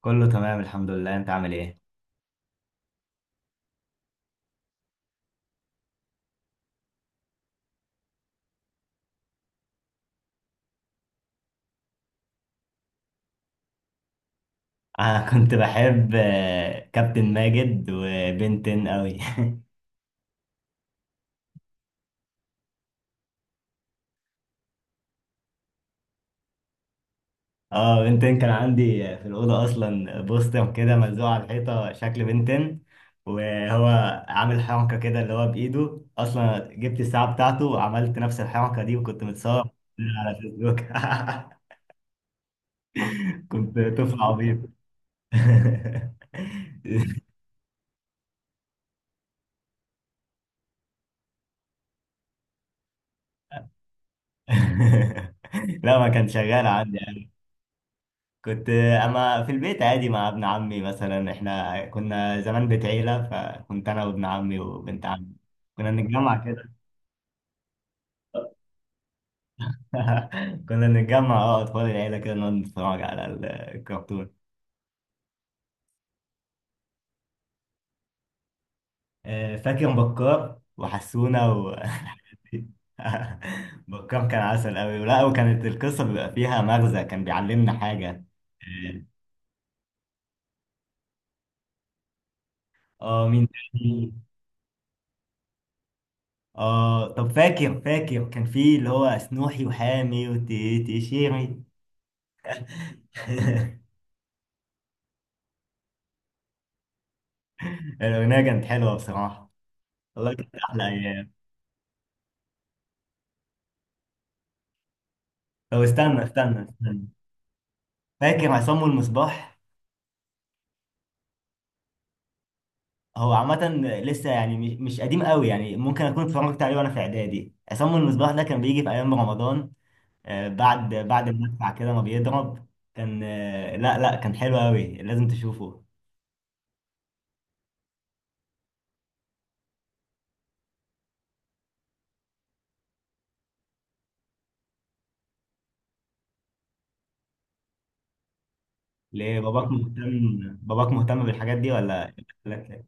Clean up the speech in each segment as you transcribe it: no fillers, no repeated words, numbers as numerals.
كله تمام، الحمد لله. انت عامل ايه؟ انا كنت بحب كابتن ماجد وبنتين قوي اه، بنتين كان عندي. في الاوضه اصلا بوستر كده ملزوق على الحيطه شكل بنتين، وهو عامل حركه كده اللي هو بايده. اصلا جبت الساعه بتاعته وعملت نفس الحركه دي وكنت متصور على فيسبوك. كنت طفل عبيط. لا، ما كان شغال عندي. كنت اما في البيت عادي مع ابن عمي مثلا، احنا كنا زمان بيت عيلة، فكنت انا وابن عمي وبنت عمي كنا نتجمع كده. كنا نتجمع، اطفال العيلة كده نقعد نتفرج على الكرتون. فاكر بكار وحسونة و... بكار كان عسل قوي، ولا، وكانت القصة بيبقى فيها مغزى، كان بيعلمنا حاجة. اه، مين تاني؟ اه، طب، فاكر كان في اللي هو سنوحي وحامي وتيشيري. الأغنية كانت حلوة بصراحة. والله كانت أحلى أيام. طب استنى استنى استنى. فاكر عصام والمصباح؟ هو عامة لسه، يعني مش قديم قوي، يعني ممكن أكون اتفرجت عليه وأنا في إعدادي. عصام والمصباح ده كان بيجي في أيام رمضان، بعد المدفع كده ما بيضرب. كان، لا لا، كان حلو قوي، لازم تشوفه. ليه؟ باباك مهتم بالحاجات دي ولا؟ لا.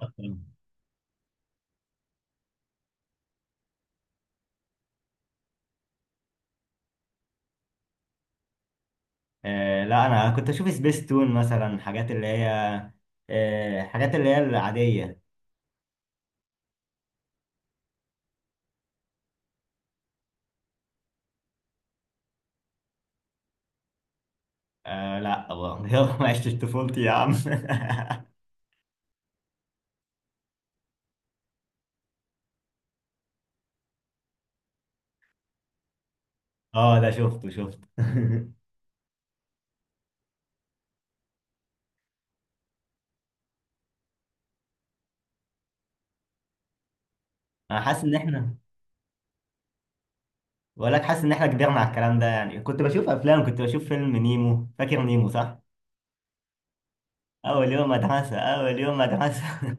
لا، انا كنت اشوف سبيس تون مثلا، حاجات اللي هي حاجات اللي هي العادية. لا والله يلا ما عشتش طفولتي يا عم. اه، ده شفته شفته. انا حاسس ان احنا بقول لك حاسس ان احنا كبرنا على الكلام ده. يعني كنت بشوف افلام، كنت بشوف فيلم نيمو. فاكر نيمو صح؟ اول يوم مدرسة، اول يوم مدرسة.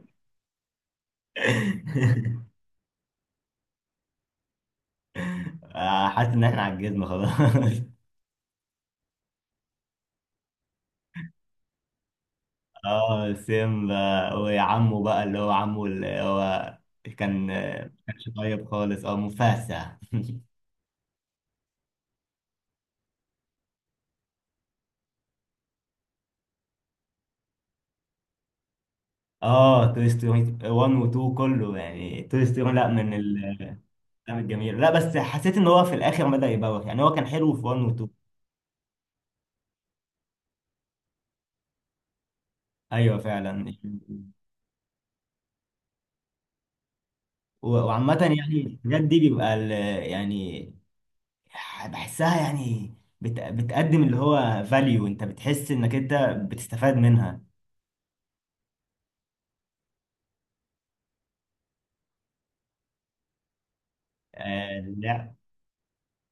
حاسس ان احنا عجزنا خلاص. اه، سيمبا. وعمه بقى، اللي هو عمه اللي هو كان، ما كانش طيب خالص، مفاسة. اه، توي ستوري 1 و 2 كله، يعني توي ستوري لا من الافلام الجميله. لا بس حسيت ان هو في الاخر بدأ يبوخ، يعني هو كان حلو في 1 و 2. ايوه فعلا. وعامة يعني الحاجات دي بيبقى يعني بحسها، يعني بتقدم اللي هو فاليو. انت بتحس انك انت بتستفاد منها.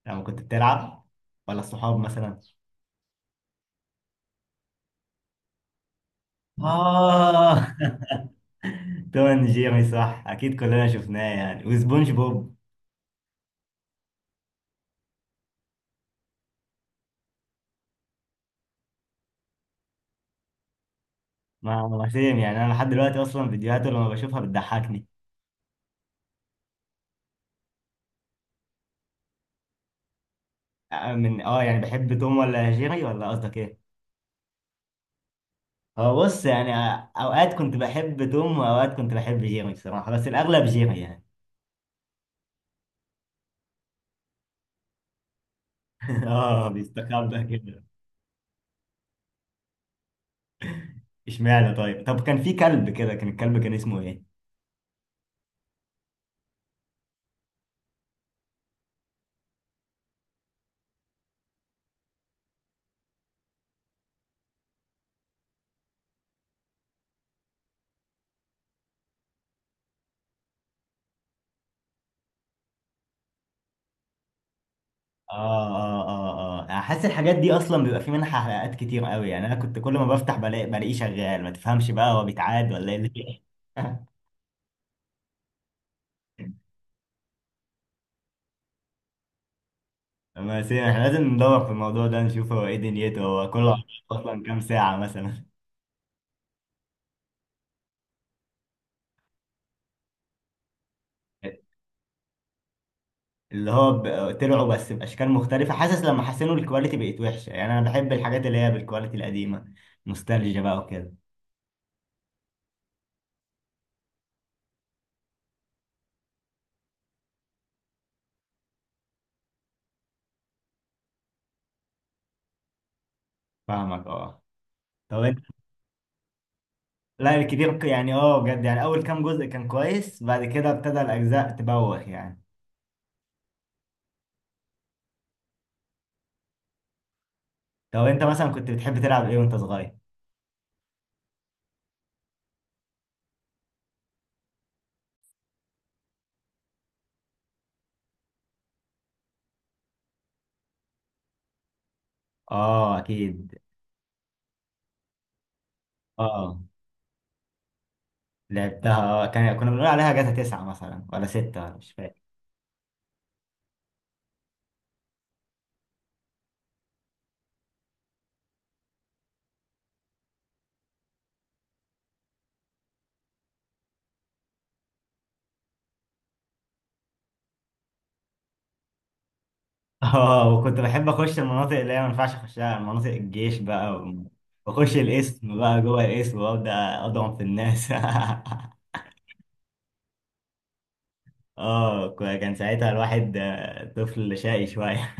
لما كنت بتلعب ولا الصحاب مثلا. آه. توم اند جيري صح، اكيد كلنا شفناه يعني، وسبونج بوب. ما ما سيم، يعني انا لحد دلوقتي اصلا فيديوهاته لما بشوفها بتضحكني. آه، من اه يعني بحب توم ولا جيري؟ ولا قصدك ايه؟ هو بص، يعني اوقات كنت بحب توم واوقات كنت بحب جيري بصراحة، بس الاغلب جيري يعني. اه، بيستخبى كده. اشمعنى؟ طيب طب كان في كلب كده، كان الكلب كان اسمه ايه؟ اه اه اه اه، احس الحاجات دي اصلا بيبقى في منها حلقات كتير قوي، يعني انا كنت كل ما بفتح بلاقيه شغال. ما تفهمش بقى، هو بيتعاد ولا ايه فيه. بس يعني احنا لازم ندور في الموضوع ده نشوف هو ايه دنيته، هو كله عبارة. اصلا كام ساعة مثلا؟ اللي هو طلعوا بس باشكال مختلفة. حاسس لما حسنوا الكواليتي بقت وحشة، يعني انا بحب الحاجات اللي هي بالكواليتي القديمة، نوستالجيا بقى وكده. فاهمك. اه، طب انت. لا الكبير يعني، اه بجد، يعني اول كام جزء كان كويس، بعد كده ابتدى الاجزاء تبوخ يعني. طب انت مثلا كنت بتحب تلعب ايه وانت صغير؟ اه اكيد. اه لعبتها. اه، كنا بنقول عليها جاتا 9 مثلا ولا 6، ولا مش فاكر. اه، وكنت بحب اخش المناطق اللي هي ما ينفعش اخشها، مناطق الجيش بقى، واخش الاسم بقى جوه الاسم، وابدا اضرب في الناس. اه، كان ساعتها الواحد طفل شقي شوية.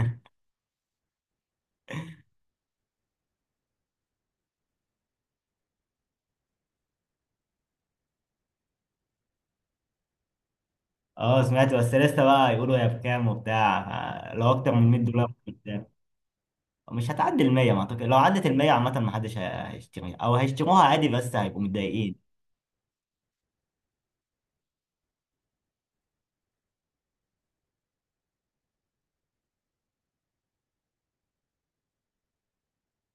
اه سمعت، بس لسه بقى يقولوا هي بكام وبتاع. لو اكتر من $100. مش هتعدي المية ما أعتقد. لو عدت المية عامة، ما حدش هيشتريها أو هيشتروها عادي، بس هيبقوا متضايقين.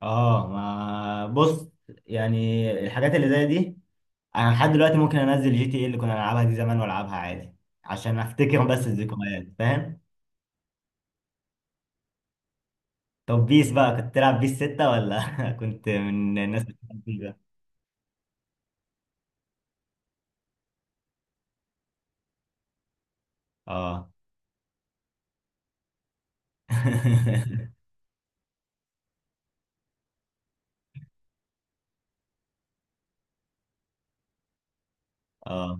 اه، ما بص، يعني الحاجات اللي زي دي، أنا لحد دلوقتي ممكن أنزل جي تي إيه اللي كنا نلعبها دي زمان، وألعبها عادي عشان أفتكر. بس الذكريات فاهم. طب بيس بقى، كنت تلعب بيس 6، ولا كنت من الناس اللي بتلعب بيس ده؟ اه. اه،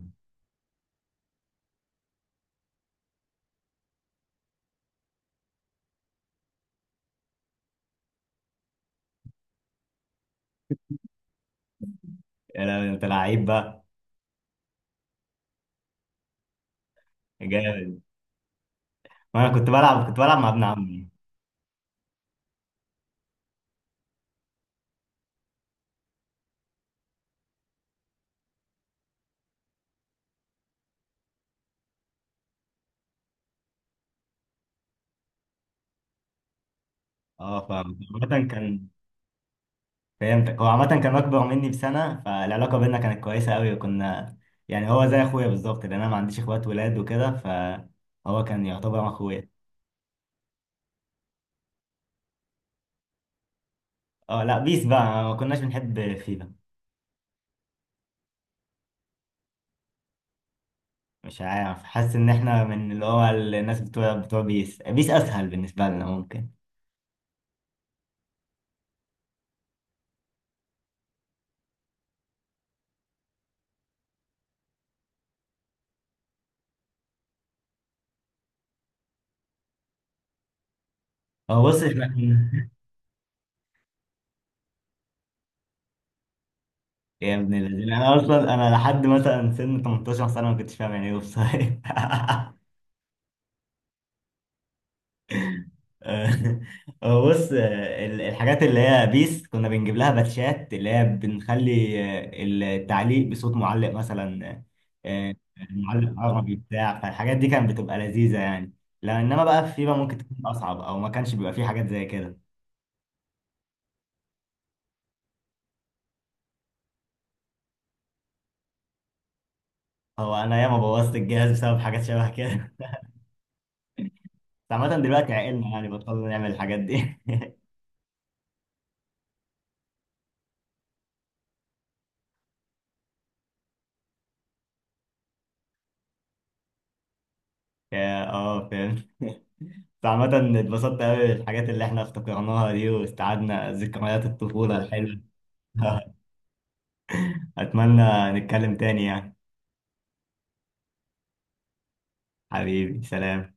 يا لهوي، أنت لعيب بقى. جامد. وأنا كنت بلعب مع ابن عمي. اه فاهم، عامة كان. فهمتك. هو عامة كان أكبر مني بسنة، فالعلاقة بينا كانت كويسة أوي، وكنا، يعني هو زي أخويا بالظبط، لأن أنا ما عنديش إخوات ولاد وكده، فهو كان يعتبر أخويا. أه لا، بيس بقى ما كناش بنحب فيفا. مش عارف، حاسس إن إحنا من اللي هو الناس بتوع بيس، بيس أسهل بالنسبة لنا ممكن. هو بص إحنا يا ابن الذين! أنا لحد مثلا سن 18 سنة ما كنتش فاهم يعني إيه أوفسايد. آه، هو بص، الحاجات اللي هي بيس كنا بنجيب لها باتشات اللي هي بنخلي التعليق بصوت معلق مثلا. آه، معلق عربي بتاع، فالحاجات دي كانت بتبقى لذيذة يعني. لا انما بقى في فيفا ممكن تكون اصعب او ما كانش بيبقى فيه حاجات زي كده. هو انا ياما بوظت الجهاز بسبب حاجات شبه كده. بس عامة دلوقتي عقلنا، يعني بطلنا نعمل الحاجات دي. اه فاهم. بس عامة اتبسطت قوي بالحاجات اللي احنا افتكرناها دي، واستعدنا ذكريات الطفولة الحلوة. أتمنى نتكلم تاني يعني. حبيبي، سلام.